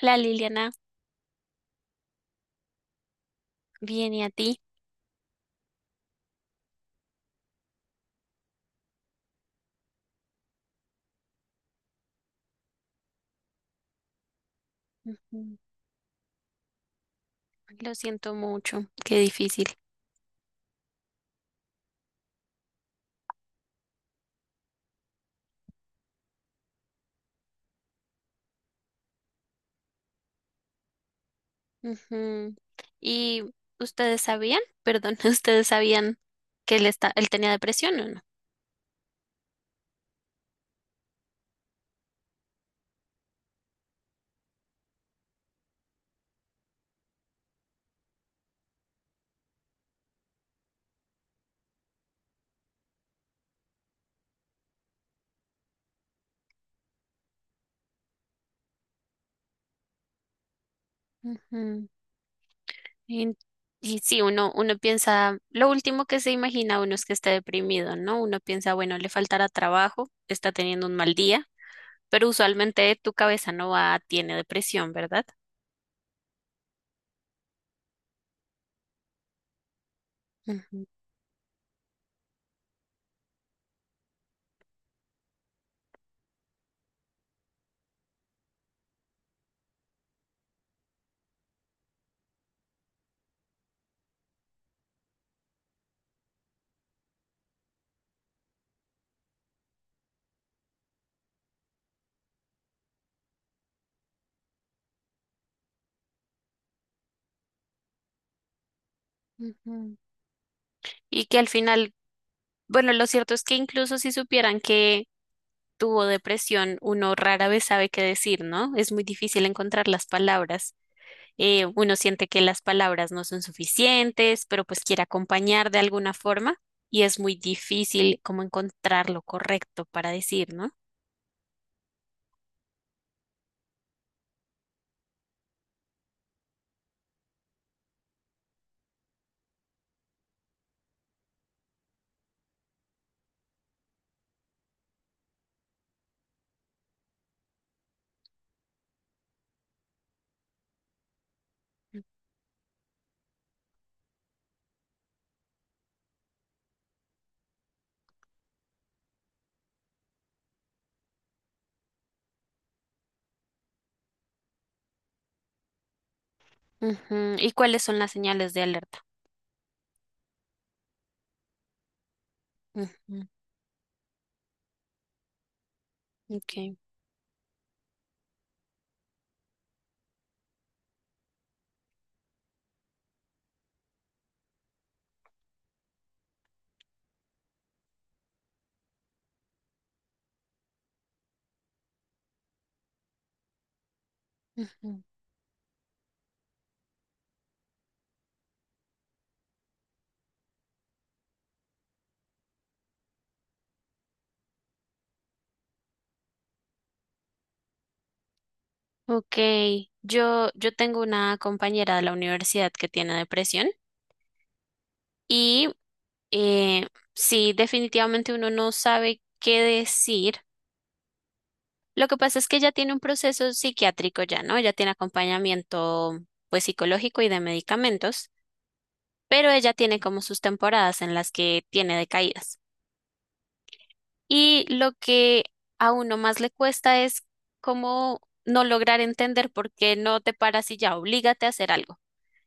Hola Liliana, bien y a ti. Ujú. Lo siento mucho, qué difícil. Ujú. ¿Y ustedes sabían? Perdón, ¿ustedes sabían que él tenía depresión o no? Ujú. Y, y sí, uno piensa, lo último que se imagina uno es que esté deprimido, ¿no? Uno piensa, bueno, le faltará trabajo, está teniendo un mal día, pero usualmente tu cabeza no va, tiene depresión, ¿verdad? Ujú, ujú. Y que al final, bueno, lo cierto es que incluso si supieran que tuvo depresión, uno rara vez sabe qué decir, ¿no? Es muy difícil encontrar las palabras. Uno siente que las palabras no son suficientes, pero pues quiere acompañar de alguna forma y es muy difícil como encontrar lo correcto para decir, ¿no? Ujú. ¿Y cuáles son las señales de alerta? Ujú. Ok. Ujú. Ok, yo tengo una compañera de la universidad que tiene depresión y eh, sí, definitivamente uno no sabe qué decir. Lo que pasa es que ella tiene un proceso psiquiátrico ya, ¿no? Ella tiene acompañamiento, pues, psicológico y de medicamentos, pero ella tiene como sus temporadas en las que tiene decaídas. Y lo que a uno más le cuesta es cómo no lograr entender por qué no te paras y ya, oblígate a hacer algo.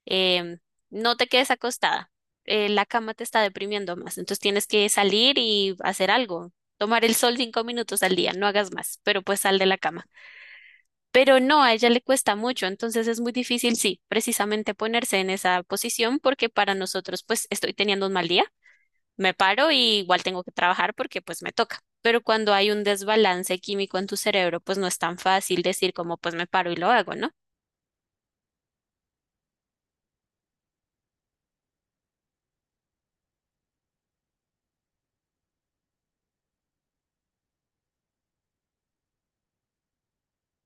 Em, no te quedes acostada. La cama te está deprimiendo más, entonces tienes que salir y hacer algo. Tomar el sol 5 minutos al día, no hagas más, pero pues sal de la cama. Pero no, a ella le cuesta mucho, entonces es muy difícil, sí, precisamente ponerse en esa posición porque para nosotros, pues estoy teniendo un mal día, me paro y igual tengo que trabajar porque pues me toca. Pero cuando hay un desbalance químico en tu cerebro, pues no es tan fácil decir como pues me paro y lo hago, ¿no?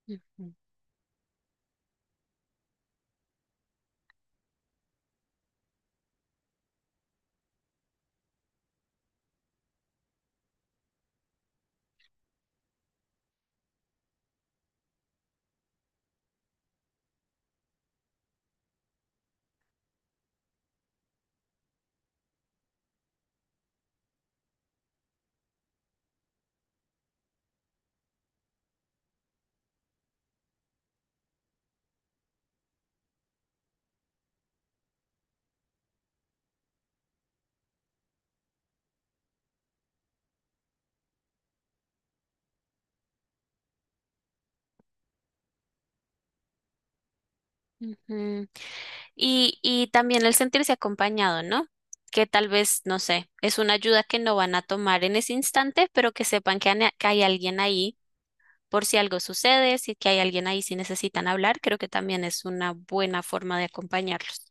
Ujú. Ujú. Y también el sentirse acompañado, ¿no? Que tal vez, no sé, es una ayuda que no van a tomar en ese instante, pero que sepan que, que hay alguien ahí por si algo sucede, si que hay alguien ahí si necesitan hablar, creo que también es una buena forma de acompañarlos.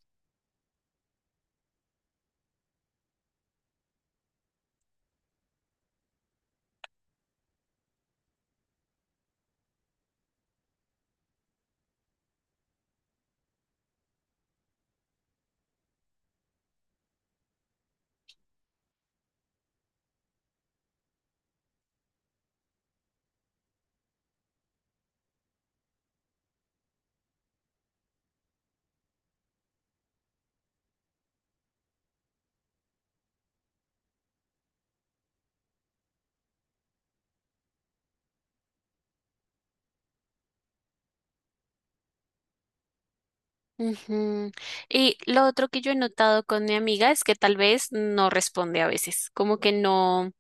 Ujú. Y lo otro que yo he notado con mi amiga es que tal vez no responde a veces, como que no,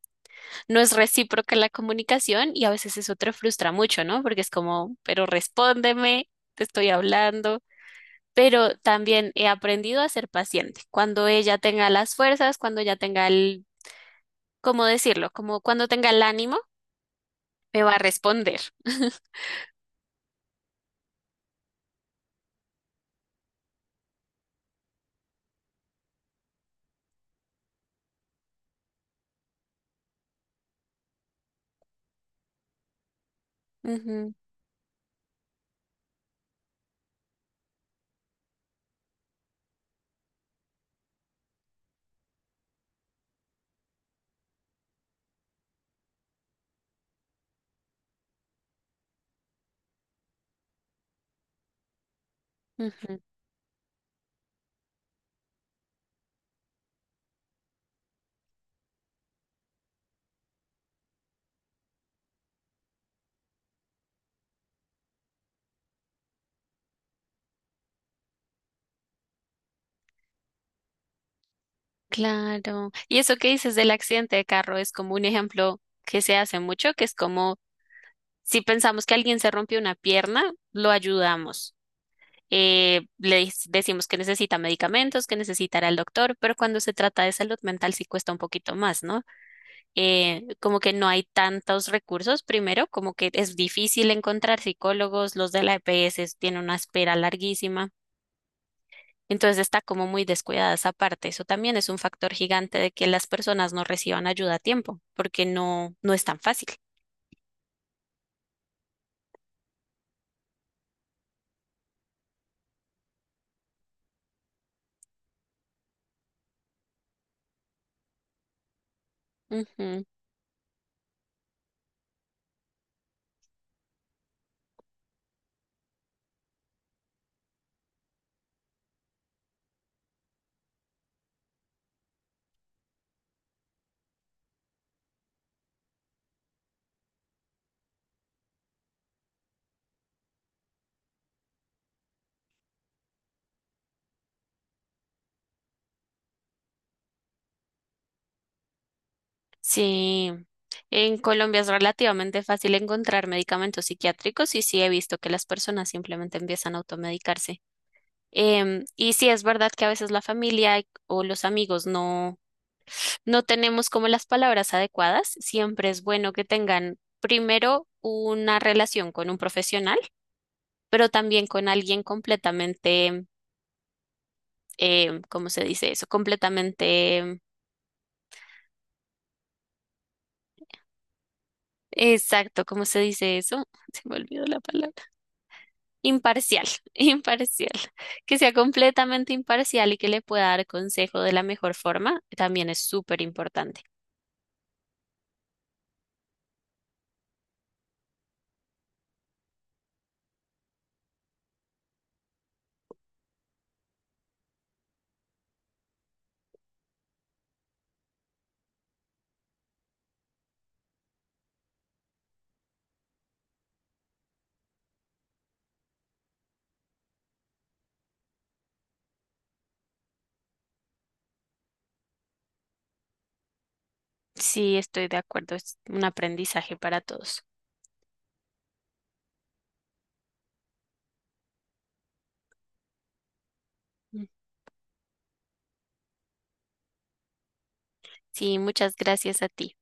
no es recíproca la comunicación y a veces eso te frustra mucho, ¿no? Porque es como, pero respóndeme, te estoy hablando. Pero también he aprendido a ser paciente. Cuando ella tenga las fuerzas, cuando ella tenga el, ¿cómo decirlo? Como cuando tenga el ánimo, me va a responder. Ujú, ujú. Claro. Y eso que dices del accidente de carro es como un ejemplo que se hace mucho, que es como si pensamos que alguien se rompió una pierna, lo ayudamos. Decimos que necesita medicamentos, que necesitará el doctor, pero cuando se trata de salud mental sí cuesta un poquito más, ¿no? Como que no hay tantos recursos, primero, como que es difícil encontrar psicólogos, los de la EPS tienen una espera larguísima. Entonces está como muy descuidada esa parte. Eso también es un factor gigante de que las personas no reciban ayuda a tiempo, porque no, no es tan fácil. Ujú. Sí, en Colombia es relativamente fácil encontrar medicamentos psiquiátricos y sí he visto que las personas simplemente empiezan a automedicarse. Y sí es verdad que a veces la familia o los amigos no. No tenemos como las palabras adecuadas, siempre es bueno que tengan primero una relación con un profesional, pero también con alguien completamente, ¿cómo se dice eso? Completamente, exacto, ¿cómo se dice eso? Se me olvidó la palabra. Imparcial, imparcial. Que sea completamente imparcial y que le pueda dar consejo de la mejor forma, también es súper importante. Sí, estoy de acuerdo, es un aprendizaje para todos. Mm. Sí, muchas gracias a ti.